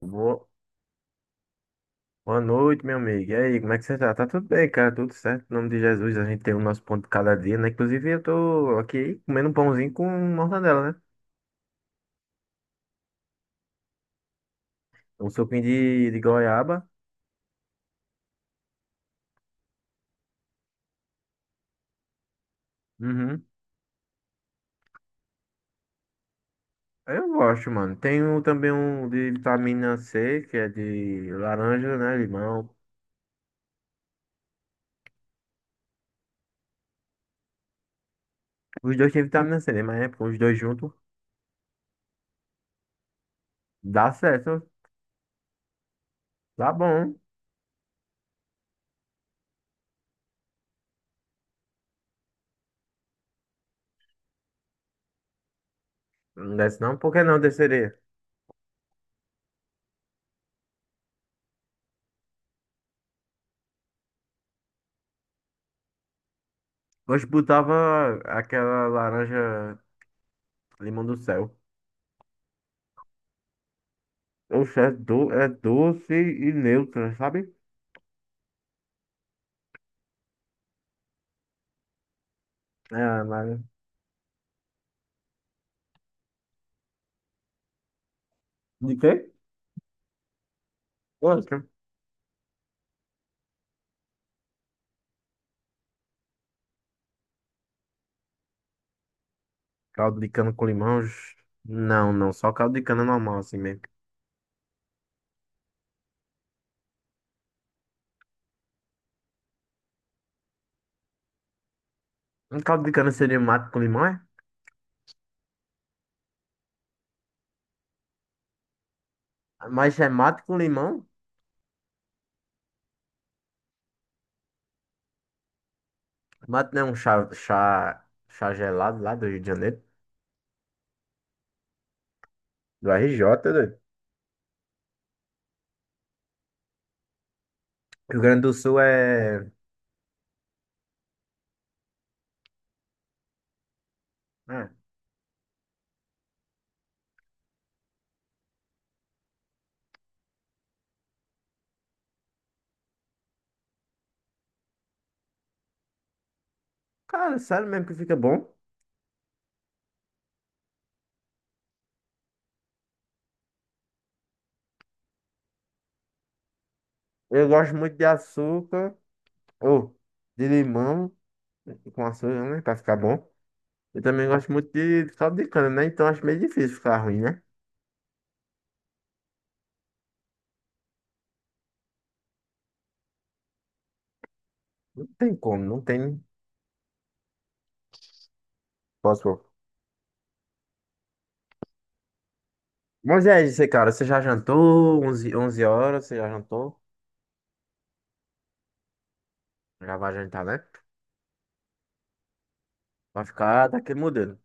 Boa, boa noite, meu amigo. E aí, como é que você tá? Tá tudo bem, cara? Tudo certo? Em nome de Jesus, a gente tem o nosso pão de cada dia, né? Inclusive, eu tô aqui comendo um pãozinho com mortadela, né? Um suquinho de goiaba. Uhum. Eu gosto, mano. Tenho também um de vitamina C, que é de laranja, né? Limão. Os dois têm vitamina C, né? Mas é, os dois juntos dá certo. Tá bom. Não desce não? Por que não desceria? Hoje botava aquela laranja limão do céu. Oxe, é, é doce e neutra, sabe? É mas... De quê? Gosto. Caldo de cana com limão. Oxe. Não, só caldo de cana normal, assim mesmo. Um caldo de cana seria mate com limão, é? Mas é mate com limão? Mate não é um chá, chá gelado lá do Rio de Janeiro. Do RJ, doido. Rio Grande do Sul é. É. Cara, sério mesmo que fica bom. Eu gosto muito de açúcar. Ou de limão. Com açúcar, né? Pra ficar bom. Eu também gosto muito de caldo de cana, né? Então acho meio difícil ficar ruim, né? Não tem como, não tem. Posso. Mas é isso aí, cara. Você já jantou? Onze horas, você já jantou? Já vai jantar, né? Vai ficar daquele modelo.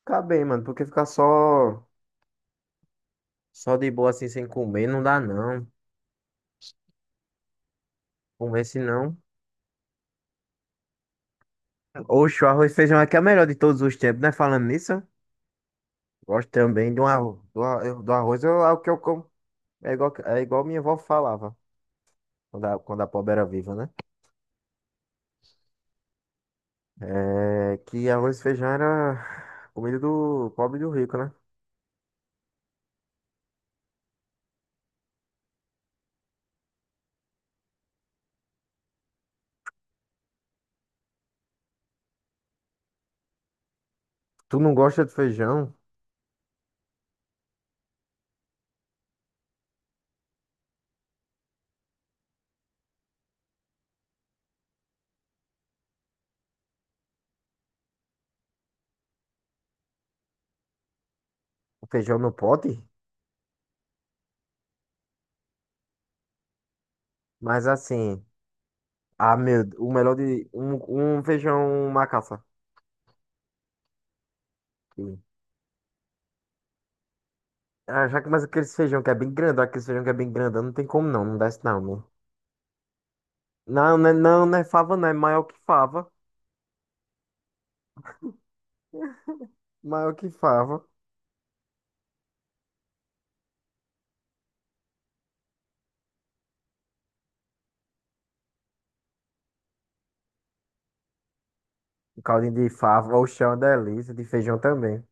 Ficar bem, mano, porque ficar só, de boa assim, sem comer, não dá não. Comer se não. Oxe, o arroz e feijão aqui é o melhor de todos os tempos, né? Falando nisso, gosto também do arroz. Do arroz é o que eu como. É igual minha avó falava, quando a pobre era viva, né? É que arroz e feijão era comida do pobre e do rico, né? Tu não gosta de feijão? O feijão no pote? Mas assim, ah, meu, o melhor de um, feijão macaça. Que- Ah, já que mais aquele feijão que é bem grandão, não tem como não, não desce não, né? Não é fava, não, é maior que fava. Maior que fava. O caldinho de fava, o chão é uma delícia, de feijão também.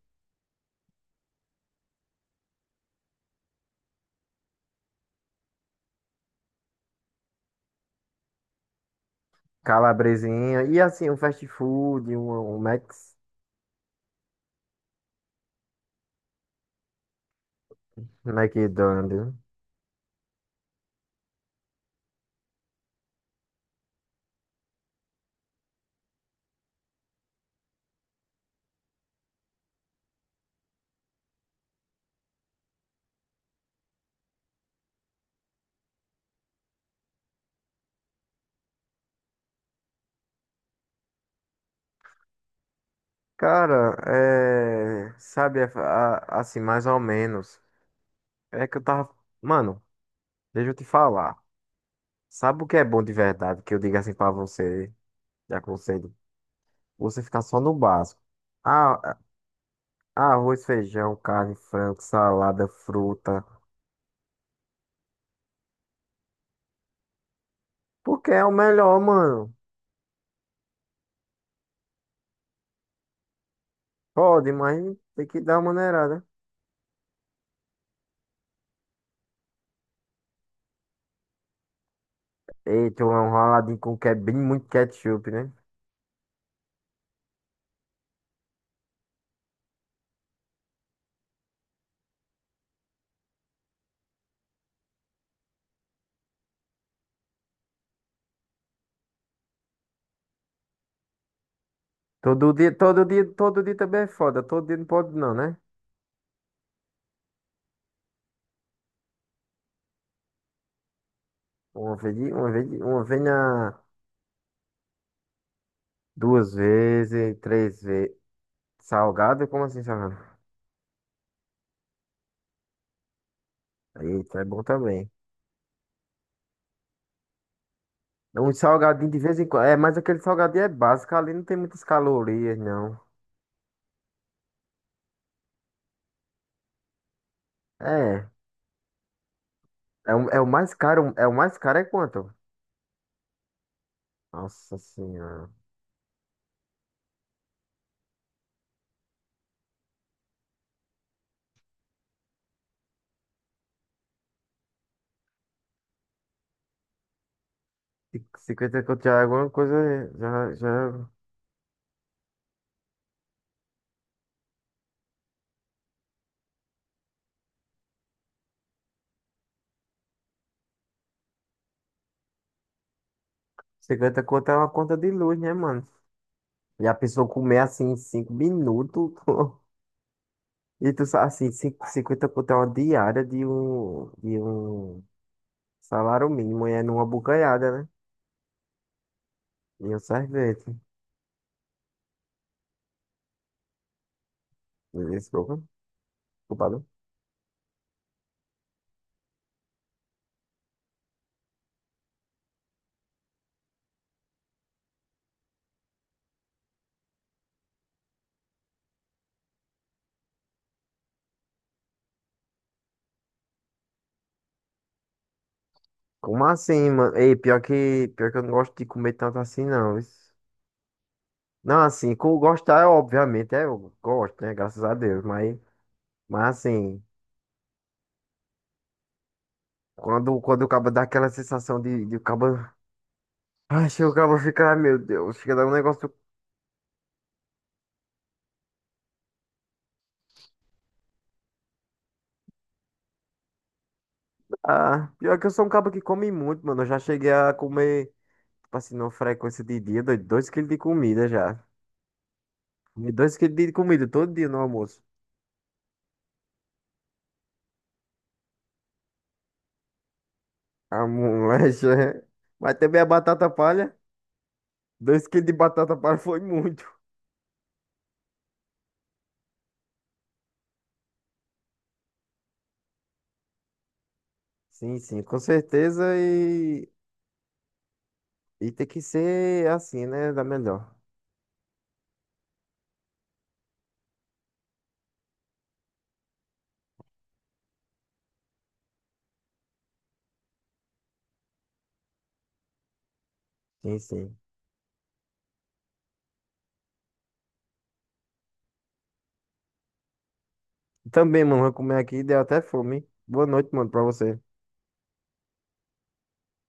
Calabresinha, e assim, um fast food, um Max, McDonald's. Cara, é. Sabe, assim, mais ou menos. É que eu tava. Mano, deixa eu te falar. Sabe o que é bom de verdade? Que eu digo assim pra você, te aconselho. Você ficar só no básico. Ah, arroz, feijão, carne, frango, salada, fruta. Porque é o melhor, mano. Pode, mas tem que dar uma maneirada. Eita, um raladinho com que é bem muito ketchup, né? Todo dia, todo dia também é foda. Todo dia não pode, não, né? Uma vez na. Duas vezes, três vezes. Salgado? Como assim salgado? Eita, é bom também. Um salgadinho de vez em quando. É, mas aquele salgadinho é básico, ali não tem muitas calorias, não. É. É, é o mais caro. É o mais caro é quanto? Nossa senhora. 50 conto já é alguma coisa. Já... 50 conto é uma conta de luz, né, mano? E a pessoa comer assim em 5 minutos. E tu sabe assim, 50 conto é uma diária de um, salário mínimo, e é numa bucanhada. E o sorvete. Desculpa, culpado. Como assim, mano? Ei, pior que eu não gosto de comer tanto assim, não. Isso- Não, assim, com gostar, é obviamente, é, eu gosto, né? Graças a Deus. Mas assim, quando o cabo dá aquela sensação de o cabo. Ai, chega o cabo fica, ai, meu Deus, fica dando um negócio. Ah, pior que eu sou um cabo que come muito, mano. Eu já cheguei a comer, tipo assim, numa frequência de dia, dois quilos de comida já. Dois quilos de comida todo dia no almoço. A molecha, é. Mas também a batata palha. 2 quilos de batata palha foi muito. Sim, sim, com certeza. E tem que ser assim, né? Da melhor. Sim, sim. Também, mano, vou comer aqui, deu até fome. Hein? Boa noite, mano, pra você.